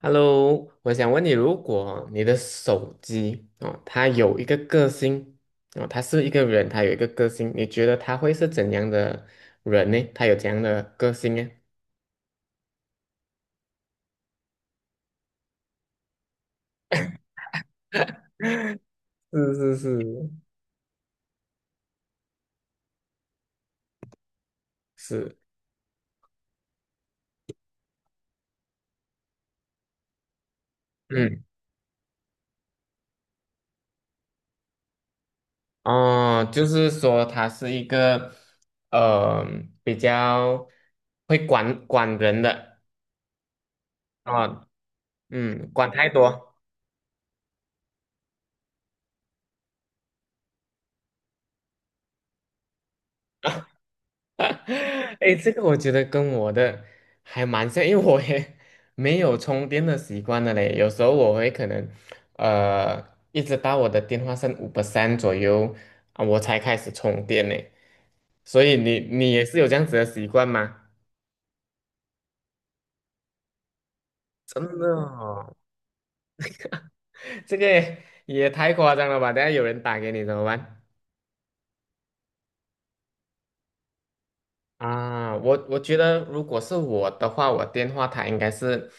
Hello,我想问你，如果你的手机哦，它有一个个性哦，它是一个人，它有一个个性，你觉得他会是怎样的人呢？他有怎样的个性呢？是是是，是，嗯，哦，就是说他是一个呃比较会管管人的啊，嗯，管太多。 哎，这个我觉得跟我的还蛮像，因为我也没有充电的习惯的嘞。有时候我会可能，呃，一直到我的电话剩五 p e 左右啊，我才开始充电呢。所以你也是有这样子的习惯吗？真的哦。 这个也太夸张了吧！等下有人打给你怎么办？啊，我觉得如果是我的话，我电话它应该是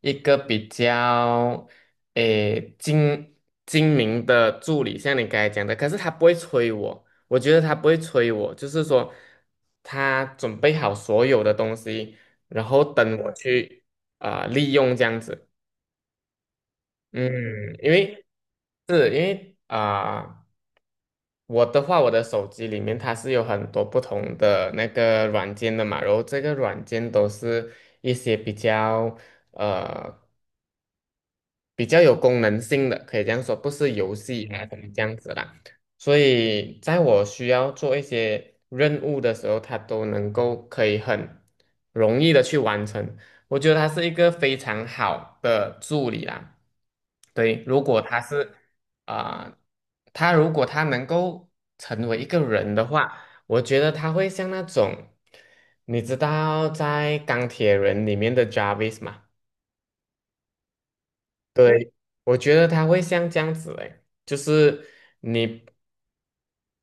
一个比较诶精明的助理，像你刚才讲的，可是他不会催我，我觉得他不会催我，就是说他准备好所有的东西，然后等我去啊、利用这样子。嗯，因为是因为啊。我的话，我的手机里面它是有很多不同的那个软件的嘛，然后这个软件都是一些比较呃比较有功能性的，可以这样说，不是游戏啊嗯怎么这样子啦。所以在我需要做一些任务的时候，它都能够可以很容易的去完成。我觉得它是一个非常好的助理啦。对，如果他是啊、他如果他能够成为一个人的话，我觉得他会像那种，你知道在钢铁人里面的 Jarvis 吗？对，我觉得他会像这样子诶，就是你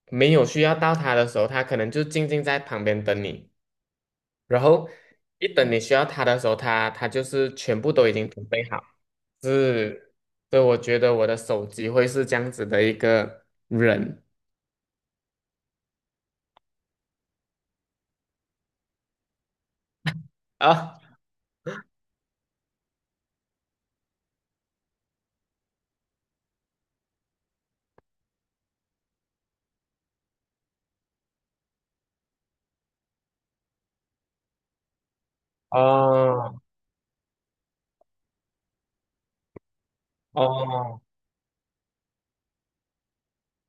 没有需要到他的时候，他可能就静静在旁边等你，然后一等你需要他的时候，他就是全部都已经准备好。是，对，我觉得我的手机会是这样子的一个人啊，哦哦，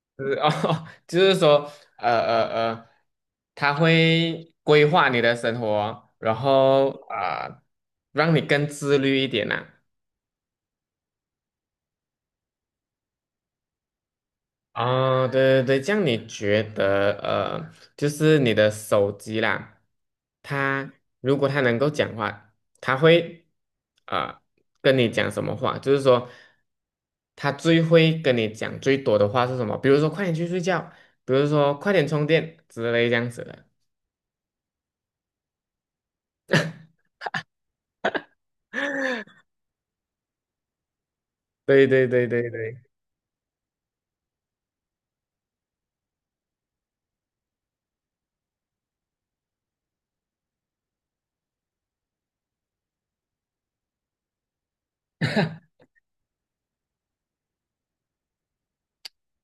就是哦，就是说，呃呃呃，他会规划你的生活，然后啊、让你更自律一点呐、啊哦，对对对，这样你觉得呃，就是你的手机啦，它如果它能够讲话，它会啊、跟你讲什么话？就是说，它最会跟你讲最多的话是什么？比如说，快点去睡觉，比如说，快点充电之类这样子的。对对对对对，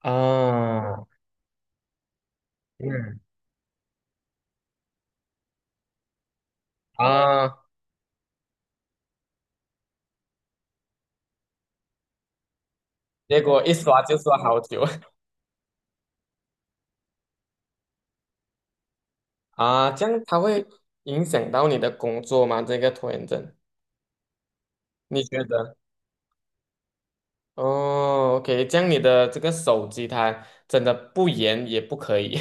啊，嗯啊，结果一刷就刷好久。 啊，这样它会影响到你的工作吗？这个拖延症，你觉得？哦，OK,这样你的这个手机它真的不严也不可以，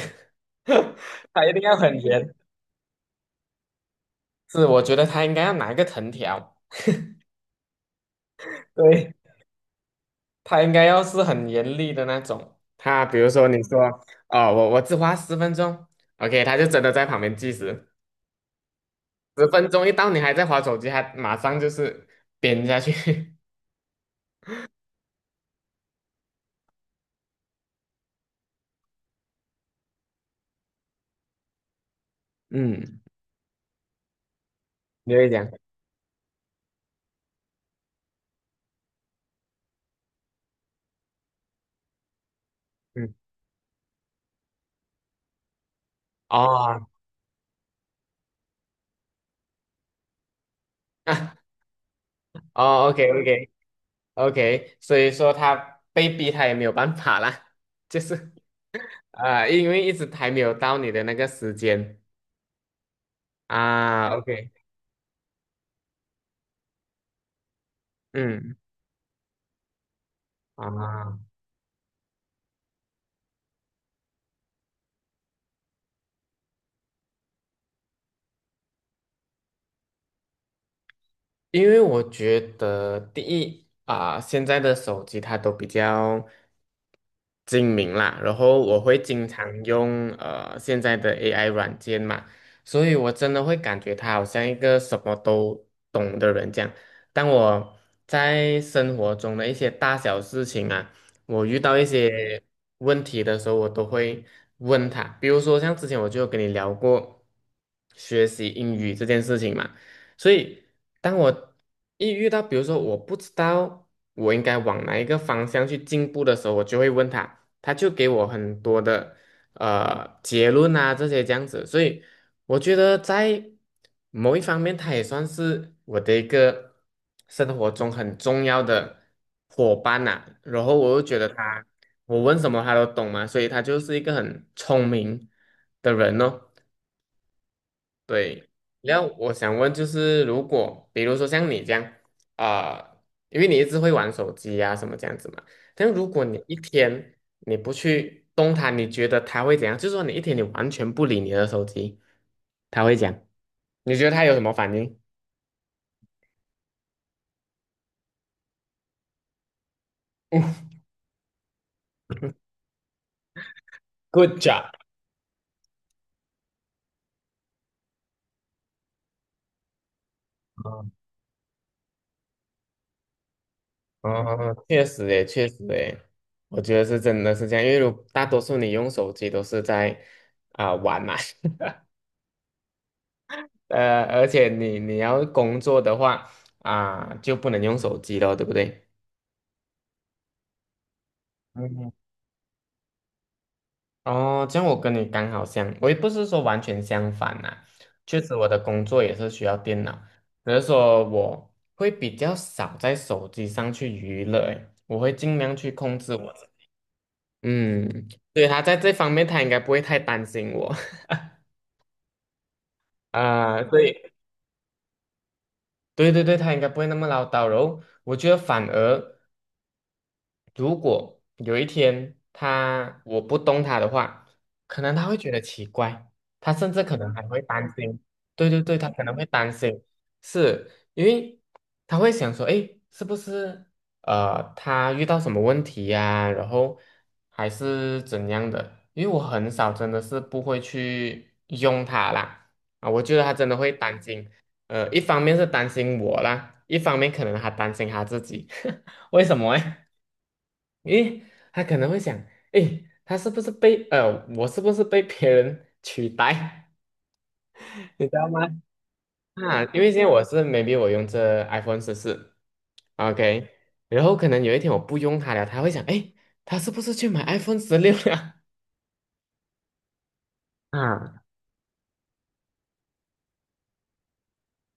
它一定要很严。是，我觉得它应该要拿一个藤条，对，它应该要是很严厉的那种。它比如说你说，哦，我只花十分钟，OK,它就真的在旁边计时。十分钟一到，你还在划手机，还马上就是扁下去。嗯，你会讲，嗯，哦，啊，哦，OK OK OK,所以说他被逼，他也没有办法啦，就是啊、因为一直还没有到你的那个时间啊，OK,嗯，啊。因为我觉得第一啊、现在的手机它都比较精明啦，然后我会经常用现在的 AI 软件嘛，所以我真的会感觉他好像一个什么都懂的人这样。当我在生活中的一些大小事情啊，我遇到一些问题的时候，我都会问他。比如说像之前我就有跟你聊过学习英语这件事情嘛。所以当我一遇到，比如说我不知道我应该往哪一个方向去进步的时候，我就会问他，他就给我很多的结论啊这些这样子，所以我觉得在某一方面，他也算是我的一个生活中很重要的伙伴呐、然后我又觉得他，我问什么他都懂嘛，所以他就是一个很聪明的人哦。对，然后我想问，就是如果比如说像你这样啊、因为你一直会玩手机呀、什么这样子嘛，但如果你一天你不去动它，你觉得它会怎样？就是说你一天你完全不理你的手机，它会讲，你觉得它有什么反应？Good job,哦，确实诶，确实诶，我觉得是真的是这样，因为如大多数你用手机都是在啊、玩嘛，呃，而且你要工作的话啊、就不能用手机了，对不对？嗯哦，这样我跟你刚好相，我也不是说完全相反啦、确实我的工作也是需要电脑，只是说我会比较少在手机上去娱乐，诶，我会尽量去控制我自己。嗯，对，他在这方面他应该不会太担心我。 啊、对对对对，他应该不会那么唠叨，然后我觉得反而。如果有一天他我不动他的话，可能他会觉得奇怪，他甚至可能还会担心。对对对，他可能会担心，是因为他会想说，诶，是不是他遇到什么问题呀、然后还是怎样的？因为我很少真的是不会去用它啦，啊，我觉得他真的会担心。呃，一方面是担心我啦，一方面可能还担心他自己，为什么诶？诶，他可能会想，诶，他是不是被呃，我是不是被别人取代？你知道吗？啊，因为现在我是 我用这 iPhone 14，OK,然后可能有一天我不用它了，他会想，诶，他是不是去买 iPhone 16了？啊，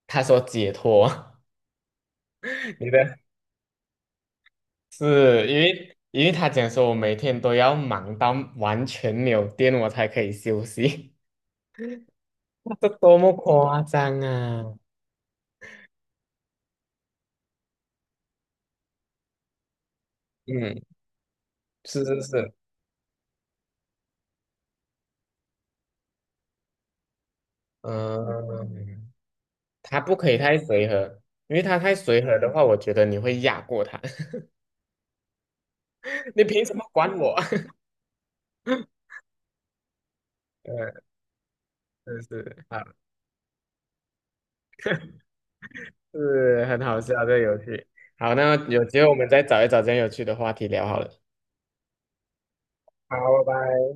他说解脱，你的是因为因为他讲说我每天都要忙到完全没有电，我才可以休息，这多么夸张啊！嗯，是是是。嗯，他不可以太随和，因为他太随和的话，我觉得你会压过他。你凭什么管我？嗯，是是，好，是很好笑这个游戏。好，那有机会我们再找一找这样有趣的话题聊好了。好，拜拜。